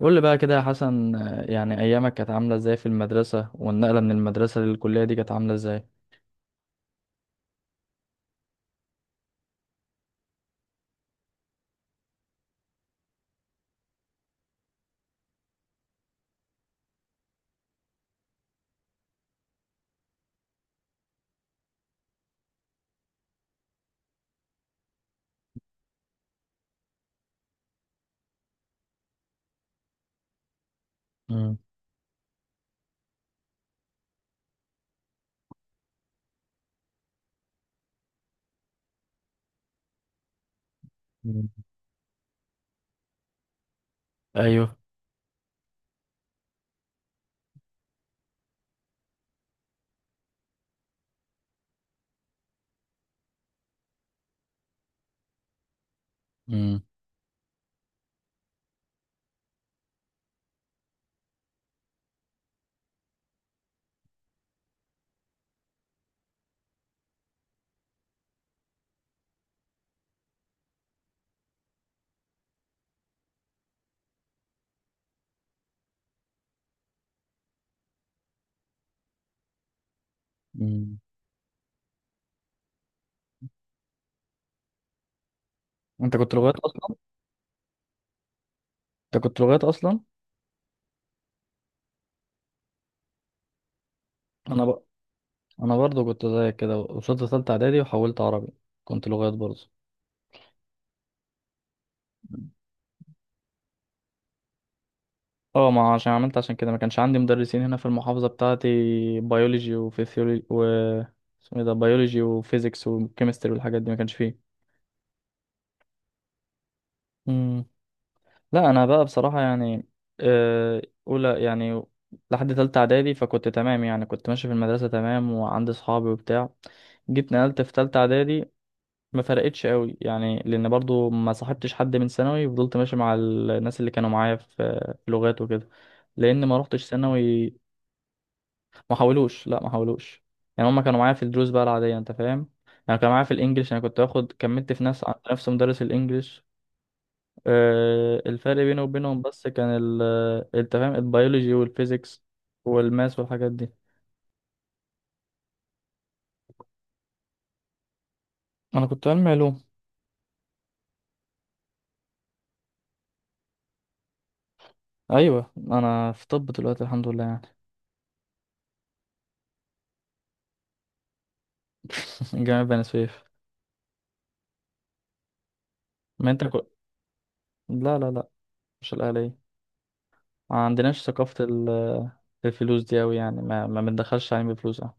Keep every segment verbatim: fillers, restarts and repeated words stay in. قول لي بقى كده يا حسن آه، يعني ايامك كانت عامله ازاي في المدرسه والنقله من المدرسه للكليه دي كانت عامله ازاي؟ مم. مم. ايوه. مم. مم. انت كنت لغات اصلا؟ انت كنت لغات اصلا؟ انا ب... انا برضو كنت زيك كده، وصلت ثالثه اعدادي وحولت عربي، كنت لغات برضو. مم. اه، ما عشان عملت، عشان كده ما كانش عندي مدرسين هنا في المحافظه بتاعتي، بيولوجي وفيسيولوجي و اسمه ايه ده بيولوجي وفيزيكس وكيمستري والحاجات دي ما كانش فيه. مم. لا، انا بقى بصراحه يعني آه، اولى يعني لحد تالتة اعدادي، فكنت تمام يعني، كنت ماشي في المدرسه تمام وعندي صحابي وبتاع. جيت نقلت في تالتة اعدادي، ما فرقتش قوي يعني، لان برضو ما صاحبتش حد من ثانوي، فضلت ماشي مع الناس اللي كانوا معايا في في لغات وكده، لان ما روحتش ثانوي. ما حاولوش، لا ما حاولوش، يعني هما كانوا معايا في الدروس بقى العاديه، انت فاهم؟ يعني كانوا معايا في الانجليش، انا كنت باخد كملت في نفس نفس مدرس الانجليش. آه، الفرق بيني وبينهم بس كان ال، انت فاهم، البيولوجي والفيزيكس والماس والحاجات دي. انا كنت علمي علوم. ايوه، انا في طب دلوقتي الحمد لله يعني. جامعة بني سويف. ما انت كنت. لا لا لا، مش الاهلية. ما عندناش ثقافة ال- الفلوس دي اوي يعني، ما ما بندخلش علم بفلوس، اه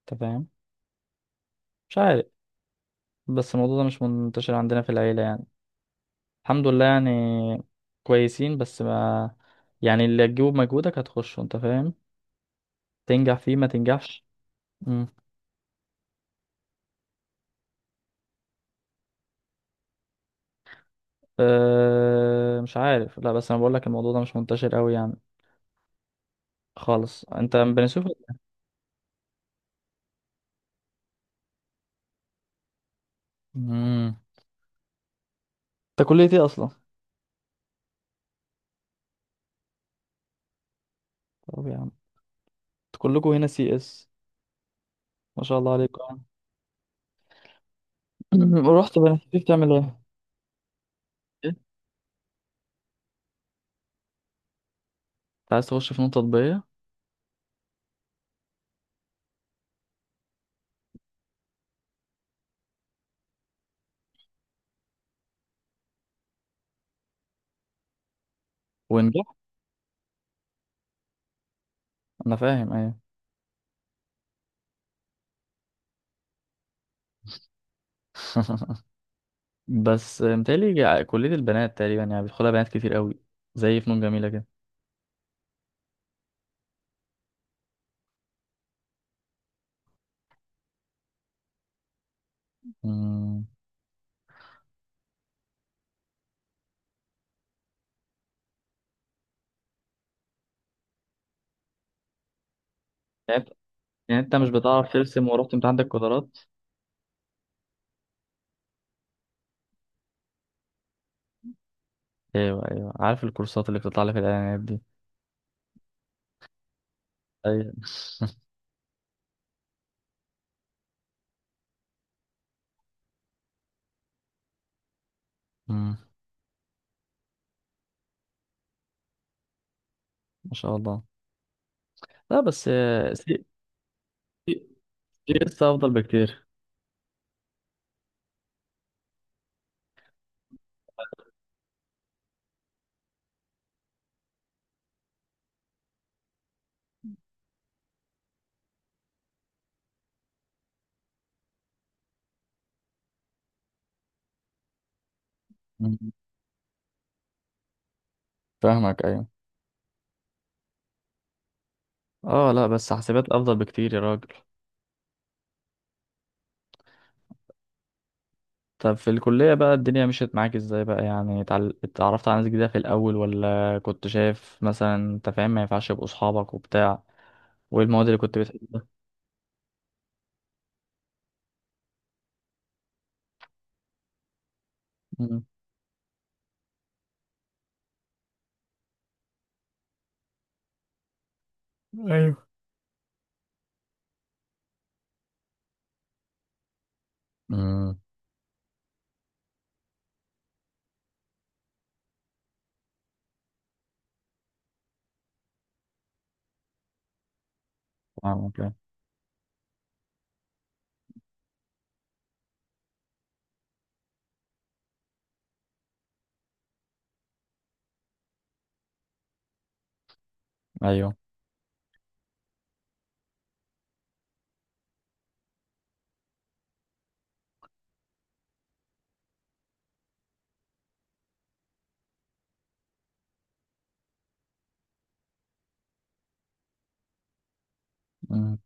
انت فاهم. مش عارف، بس الموضوع ده مش منتشر عندنا في العيلة يعني، الحمد لله يعني، كويسين بس ما، يعني اللي هتجيبه بمجهودك هتخشه، انت فاهم، تنجح فيه ما تنجحش. مم. أه مش عارف، لا بس انا بقول لك الموضوع ده مش منتشر قوي يعني خالص. انت من بني سويف ولا-؟ امم. انت كلية ايه اصلا؟ طب يا عم، انت كلكوا هنا سي اس، ما شاء الله عليكم. رحت بني سويف تعمل ايه؟ إيه؟ انت عايز تخش فنون تطبيقية؟ ونجح؟ انا فاهم ايه. بس آه، متهيألي ع- كلية البنات تقريبا، يعني بيدخلها بنات كتير قوي، زي فنون جميلة كده. امم. يعني انت يعني انت مش بتعرف ترسم ورحت امتحان عندك قدرات؟ ايوه ايوه، عارف الكورسات اللي بتطلع لك في الاعلانات دي. ايوه. مم. ما شاء الله. لا بس آه، سي، سي، سي اس افضل بكتير. مم. فاهمك، ايوه. اه لا بس حاسبات افضل بكتير يا راجل. طب في الكلية بقى الدنيا مشيت معاك ازاي بقى؟ يعني اتعل- اتعرفت على ناس جديدة في الاول، ولا كنت شايف مثلا، انت فاهم، ما ينفعش يبقوا اصحابك وبتاع؟ وايه المواد اللي كنت بتحبها؟ مم. ايوه. امم. فاهمك أيوة. ايوه. امم.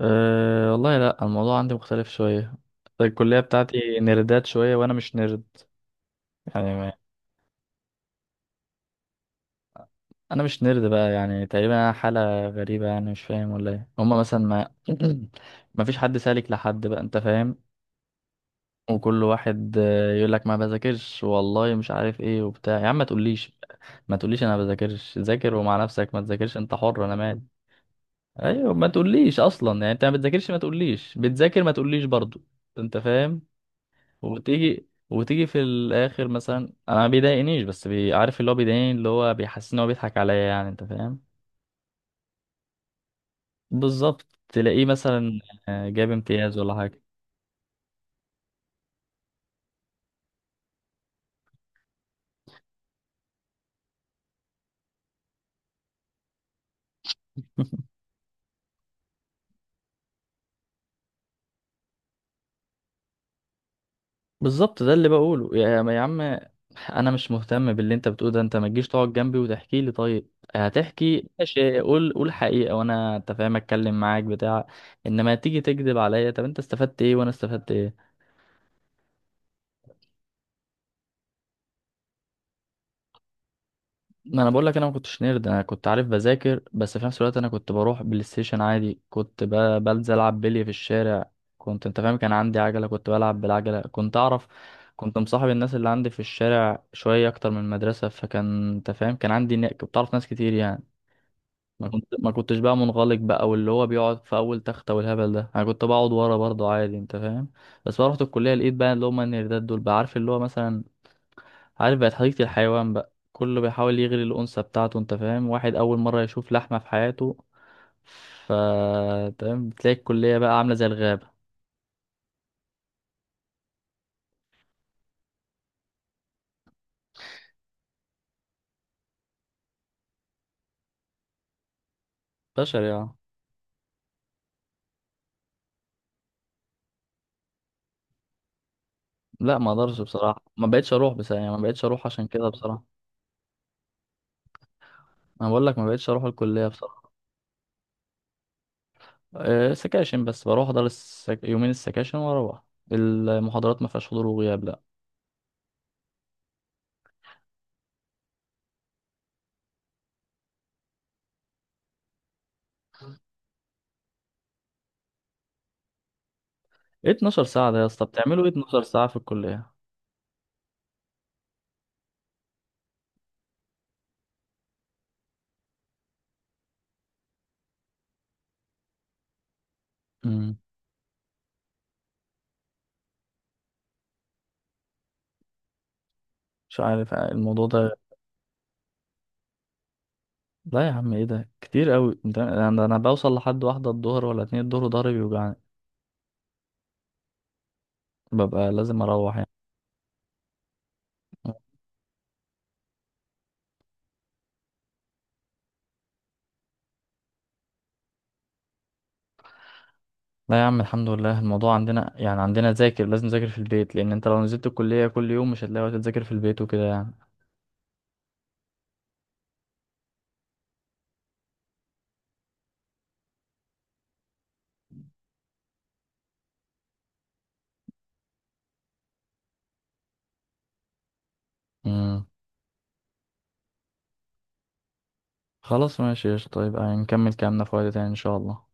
أه والله لا، الموضوع عندي مختلف شويه، الكليه بتاعتي نردات شويه وانا مش نرد يعني. انا مش نرد بقى يعني، تقريبا أنا حاله غريبه يعني، مش فاهم ولا ايه هما مثلا ما ما فيش حد سالك لحد بقى، انت فاهم، وكل واحد يقول لك ما بذاكرش والله مش عارف ايه وبتاع. يا عم ما تقوليش، ما تقوليش انا ما بذاكرش، ذاكر ومع نفسك، ما تذاكرش انت حر انا مالي. ايوه، ما تقوليش اصلا، يعني انت ما بتذاكرش ما تقوليش، بتذاكر ما تقوليش برضو، انت فاهم. وتيجي وتيجي في الاخر مثلا، انا ما بيضايقنيش، بس بي... عارف اللي هو بيضايقني، اللي هو بيحسسني ان هو بيضحك عليا، يعني انت فاهم. بالظبط، تلاقيه مثلا آه، جاب امتياز ولا حاجة. بالظبط، ده اللي بقوله يا يا عم، انا مش مهتم باللي انت بتقوله ده، انت ما تجيش تقعد جنبي وتحكي لي. طيب هتحكي ماشي، قول قول حقيقة وانا، انت فاهم، اتكلم معاك بتاع انما تيجي تكذب عليا، طب انت استفدت ايه وانا استفدت ايه؟ ما انا بقول لك، انا ما كنتش نيرد، انا كنت عارف بذاكر، بس في نفس الوقت انا كنت بروح بلاي ستيشن عادي، كنت ب- بنزل العب بلي في الشارع، كنت انت فاهم كان عندي عجله، كنت بلعب بالعجله، كنت اعرف، كنت مصاحب الناس اللي عندي في الشارع شويه اكتر من المدرسه، فكان انت فاهم كان عندي نا- كنت بعرف ناس كتير يعني. ما كنت ما كنتش بقى منغلق بقى، واللي هو بيقعد في اول تخته والهبل ده، انا كنت بقعد ورا برضه عادي، انت فاهم. بس بقى رحت الكليه، لقيت بقى اللي هم النيردات دول بقى، عارف اللي هو مثلا، عارف بقت حديقة الحيوان بقى، كله بيحاول يغري الأنثى بتاعته، أنت فاهم، واحد أول مرة يشوف لحمة في حياته. ف، تمام، بتلاقي الكلية بقى عاملة زي الغابة. بشر يعني. لا ما اقدرش بصراحة، ما بقتش اروح بصراحة يعني، ما بقتش اروح عشان كده بصراحة. انا بقول لك ما بقتش اروح الكلية بصراحة. أه سكاشن بس، بروح احضر السك... يومين السكاشن واروح، المحاضرات ما فيهاش حضور وغياب لا. ايه اتناشر ساعة ده يا اسطى، بتعملوا ايه اتناشر ساعة في الكلية؟ امم. مش عارف الموضوع ده. لا يا عم ايه ده كتير قوي، انت انا أنا بوصل لحد واحدة الظهر ولا اتنين الظهر وضهري بيوجعني، ببقى لازم اروح يعني. لا يا عم الحمد لله الموضوع عندنا يعني، عندنا ذاكر، لازم نذاكر في البيت، لان انت لو نزلت الكلية كل يوم مش هتلاقي وقت تذاكر في البيت وكده يعني. امم. خلاص ماشي قشطة، طيب نكمل كلامنا في وقت تاني ان شاء الله.